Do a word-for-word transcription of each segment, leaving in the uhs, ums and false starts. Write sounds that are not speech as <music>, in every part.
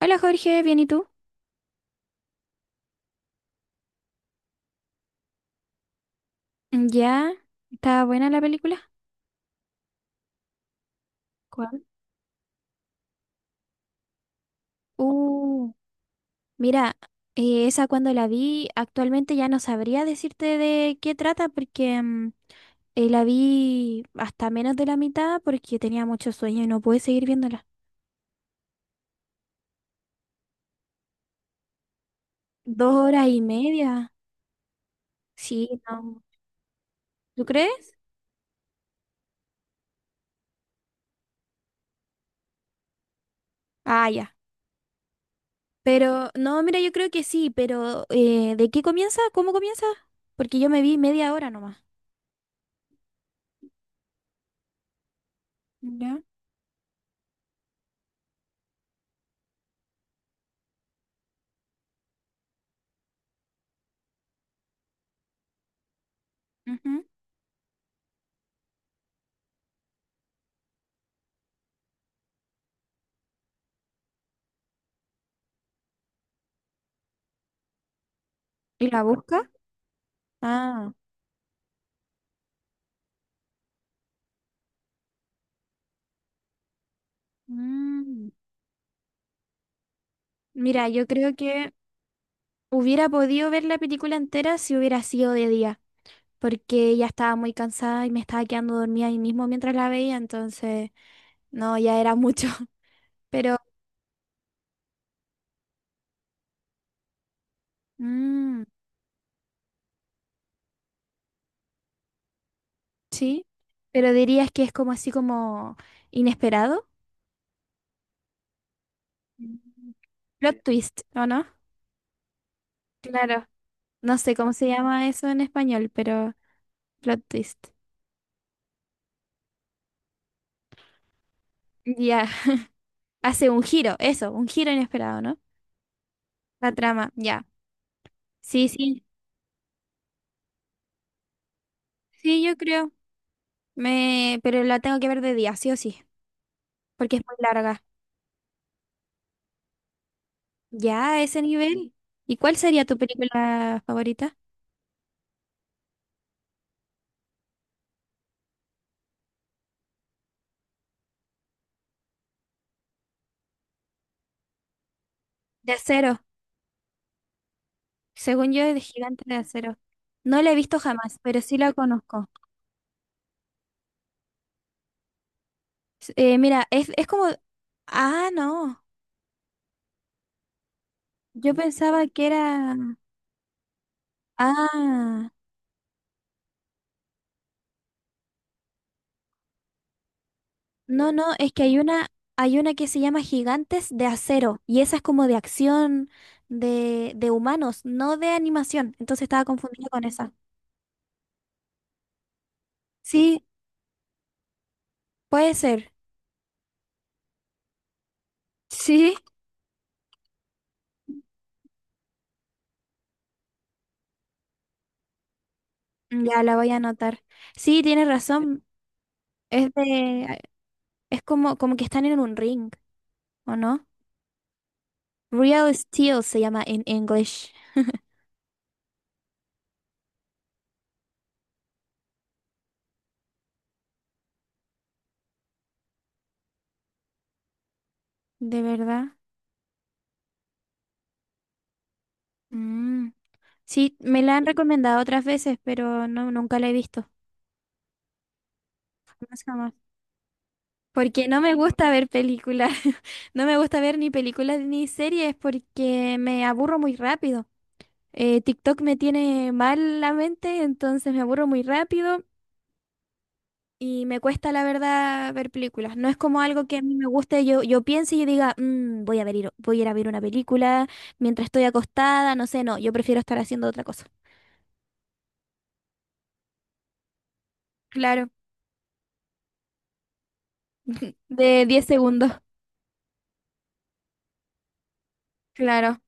Hola Jorge, ¿bien y tú? ¿Ya? ¿Está buena la película? ¿Cuál? Uh, mira, eh, esa cuando la vi, actualmente ya no sabría decirte de qué trata porque mm, eh, la vi hasta menos de la mitad porque tenía mucho sueño y no pude seguir viéndola. Dos horas y media. Sí, no. ¿Tú crees? Ah, ya. Pero, no, mira, yo creo que sí, pero eh, ¿de qué comienza? ¿Cómo comienza? Porque yo me vi media hora nomás. ¿Ya? Ujú. ¿Y la busca? Ah. Mm. Mira, yo creo que hubiera podido ver la película entera si hubiera sido de día, porque ya estaba muy cansada y me estaba quedando dormida ahí mismo mientras la veía, entonces no, ya era mucho. <laughs> Pero, mm, sí, pero dirías que es como así como inesperado. Mm. Plot twist, ¿o no? Claro. No sé cómo se llama eso en español, pero plot twist. Ya, hace un giro, eso, un giro inesperado, ¿no? La trama, ya. Sí, sí, sí, yo creo. Me, pero la tengo que ver de día, sí o sí, porque es muy larga. Ya a ese nivel. ¿Y cuál sería tu película favorita? De acero. Según yo, es de Gigante de Acero. No la he visto jamás, pero sí la conozco. S- eh, mira, es, es como... Ah, no. Yo pensaba que era... Ah, no, no, es que hay una, hay una que se llama Gigantes de Acero y esa es como de acción de, de humanos, no de animación. Entonces estaba confundida con esa. Sí, puede ser. Sí, ya la voy a anotar. Sí, tienes razón. Es de, es como, como que están en un ring, ¿o no? Real Steel se llama en English. ¿De verdad? Mm. Sí, me la han recomendado otras veces, pero no, nunca la he visto. Jamás, jamás. Porque no me gusta ver películas. <laughs> No me gusta ver ni películas ni series porque me aburro muy rápido. Eh, TikTok me tiene mal la mente, entonces me aburro muy rápido. Y me cuesta, la verdad, ver películas. No es como algo que a mí me guste. Yo, yo piense y yo diga, "Mm, voy a ver, ir- voy a ir a ver una película mientras estoy acostada. No sé, no. Yo prefiero estar haciendo otra cosa. Claro, <laughs> De diez segundos. Claro.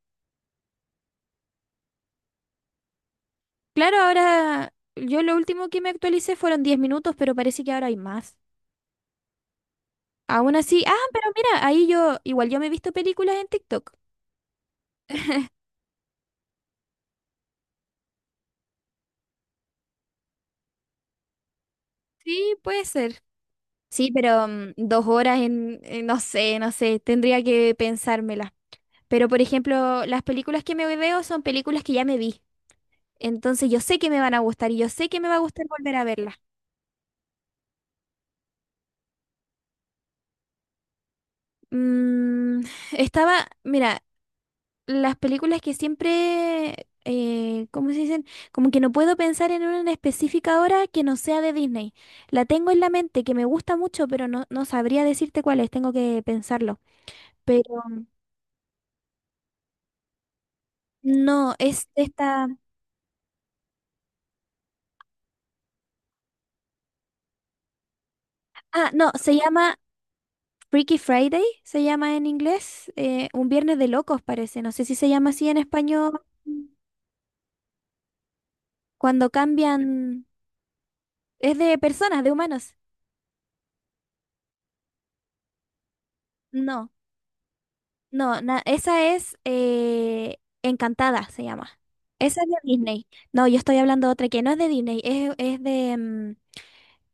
Claro, ahora yo lo último que me actualicé fueron diez minutos, pero parece que ahora hay más. Aún así, ah, pero mira, ahí yo, igual yo me he visto películas en TikTok. Sí, puede ser. Sí, pero mm, dos horas en, en- no sé, no sé, tendría que pensármela. Pero, por ejemplo, las películas que me veo son películas que ya me vi. Entonces yo sé que me van a gustar y yo sé que me va a gustar volver a verlas. Mm, estaba, mira, las películas que siempre, eh, ¿cómo se dicen? Como que no puedo pensar en una en específica ahora que no sea de Disney. La tengo en la mente, que me gusta mucho, pero no, no sabría decirte cuál es, tengo que pensarlo. Pero no, es esta... Ah, no, se llama Freaky Friday, se llama en inglés, eh, un viernes de locos parece, no sé si se llama así en español, cuando cambian, es de personas, de humanos. No, no, na- esa es, eh, Encantada, se llama. Esa es de Disney. No, yo estoy hablando de otra que no es de Disney, es, es de, mm,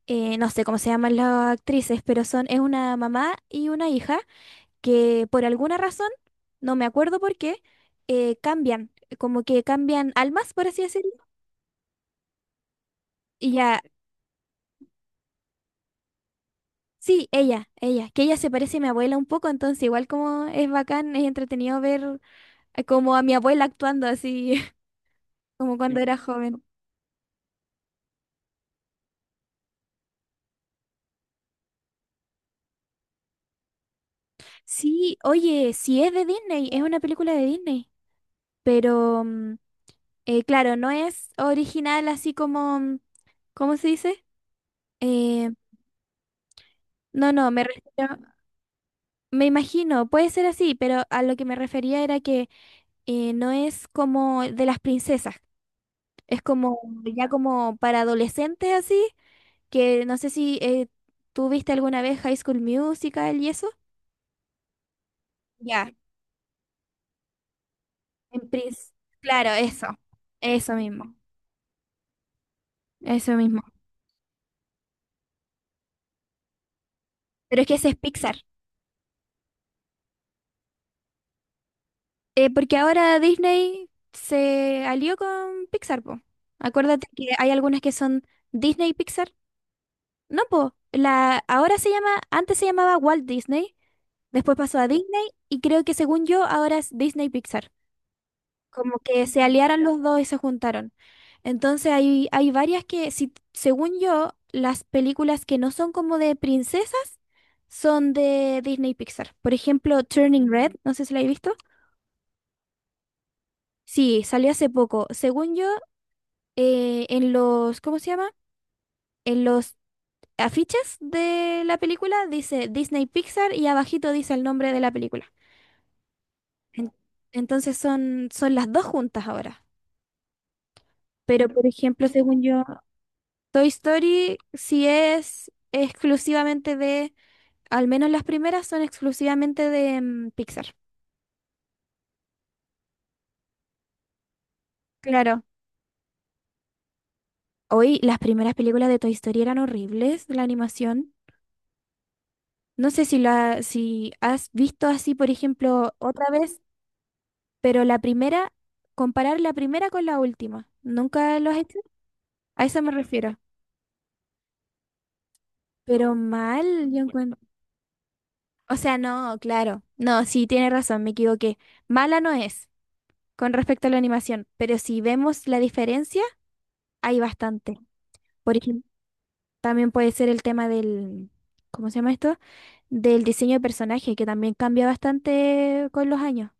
eh, no sé cómo se llaman las actrices, pero son, es una mamá y una hija que por alguna razón, no me acuerdo por qué, eh, cambian, como que cambian almas, por así decirlo. Y ya, sí, ella, ella, que ella se parece a mi abuela un poco, entonces igual como es bacán, es entretenido ver eh, como a mi abuela actuando así, <laughs> como cuando, Sí. era joven. Sí, oye, sí es de Disney, es una película de Disney, pero mm, eh, claro, no es original así como, mm, ¿cómo se dice? Eh, no, no, me refiero, me imagino, puede ser así, pero a lo que me refería era que eh, no es como de las princesas, es como ya como para adolescentes así. Que no sé si eh, tú viste alguna vez High School Musical y eso. Ya, en Prince. Claro, eso. Eso mismo. Eso mismo. Pero es que ese es Pixar. Eh, porque ahora Disney se alió con Pixar, po. Acuérdate que hay algunas que son Disney y Pixar. No, po. La, ahora se llama, antes se llamaba Walt Disney, después pasó a Disney y creo que según yo ahora es Disney Pixar. Como que se aliaron los dos y se juntaron. Entonces hay, hay varias que, si, según yo, las películas que no son como de princesas son de Disney y Pixar. Por ejemplo, Turning Red, Mm. no sé si la he visto. Sí, salió hace poco. Según yo, eh, en los, ¿cómo se llama? En los afiches de la película dice Disney Pixar y abajito dice el nombre de la película. En- entonces son, son las dos juntas ahora. Pero, por ejemplo, según yo, Toy Story sí es exclusivamente de... Al menos las primeras son exclusivamente de mm, Pixar. Claro. Hoy las primeras películas de Toy Story eran horribles, la animación. No sé si la, si has visto así, por ejemplo, otra vez, pero la primera, comparar la primera con la última. ¿Nunca lo has hecho? A eso me refiero. Pero mal, yo encuentro. O sea, no, claro. No, sí, tiene razón, me equivoqué. Mala no es con respecto a la animación, pero si vemos la diferencia, hay bastante. Por ejemplo, también puede ser el tema del, ¿cómo se llama esto? Del diseño de personaje, que también cambia bastante con los años.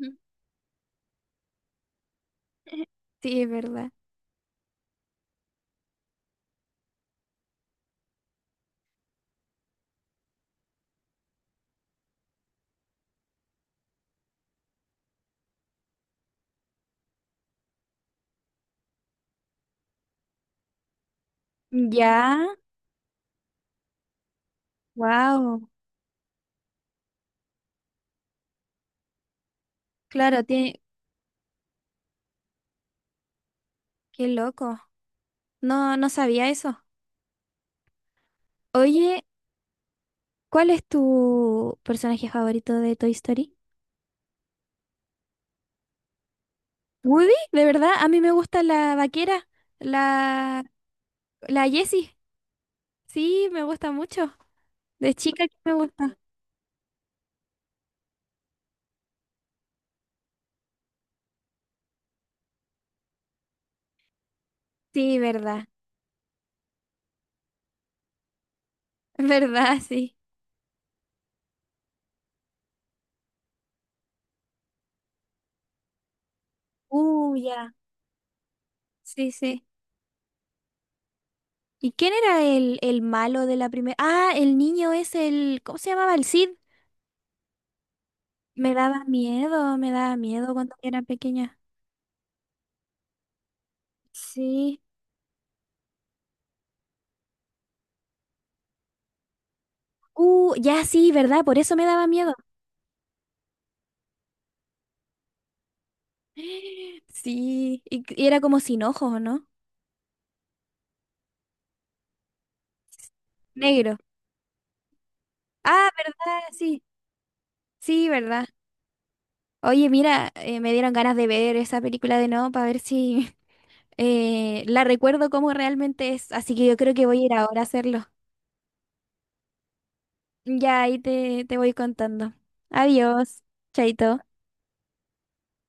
Ujú. <laughs> Sí, es verdad. Sí. Ya, wow. Claro, tiene, qué loco. No, no sabía eso. Oye, ¿cuál es tu personaje favorito de Toy Story? Woody, de verdad, a mí me gusta la vaquera, la, la Jessie. Sí, me gusta mucho. De chica que me gusta. Sí, verdad, <laughs> verdad, sí. Uh, ya. Sí, sí. ¿Y quién era el, el malo de la primera? Ah, el niño es el... ¿Cómo se llamaba? El Cid. Me daba miedo, me daba miedo cuando era pequeña. Sí. Uh, ya sí, ¿verdad? Por eso me daba miedo. <gasps> Sí, y, y era como sin ojos, ¿o no? Negro. Ah, ¿verdad? Sí, sí, ¿verdad? Oye, mira, eh, me dieron ganas de ver esa película de nuevo para ver si <laughs> eh, la recuerdo como realmente es. Así que yo creo que voy a ir ahora a hacerlo. Ya ahí te, te voy contando. Adiós, chaito.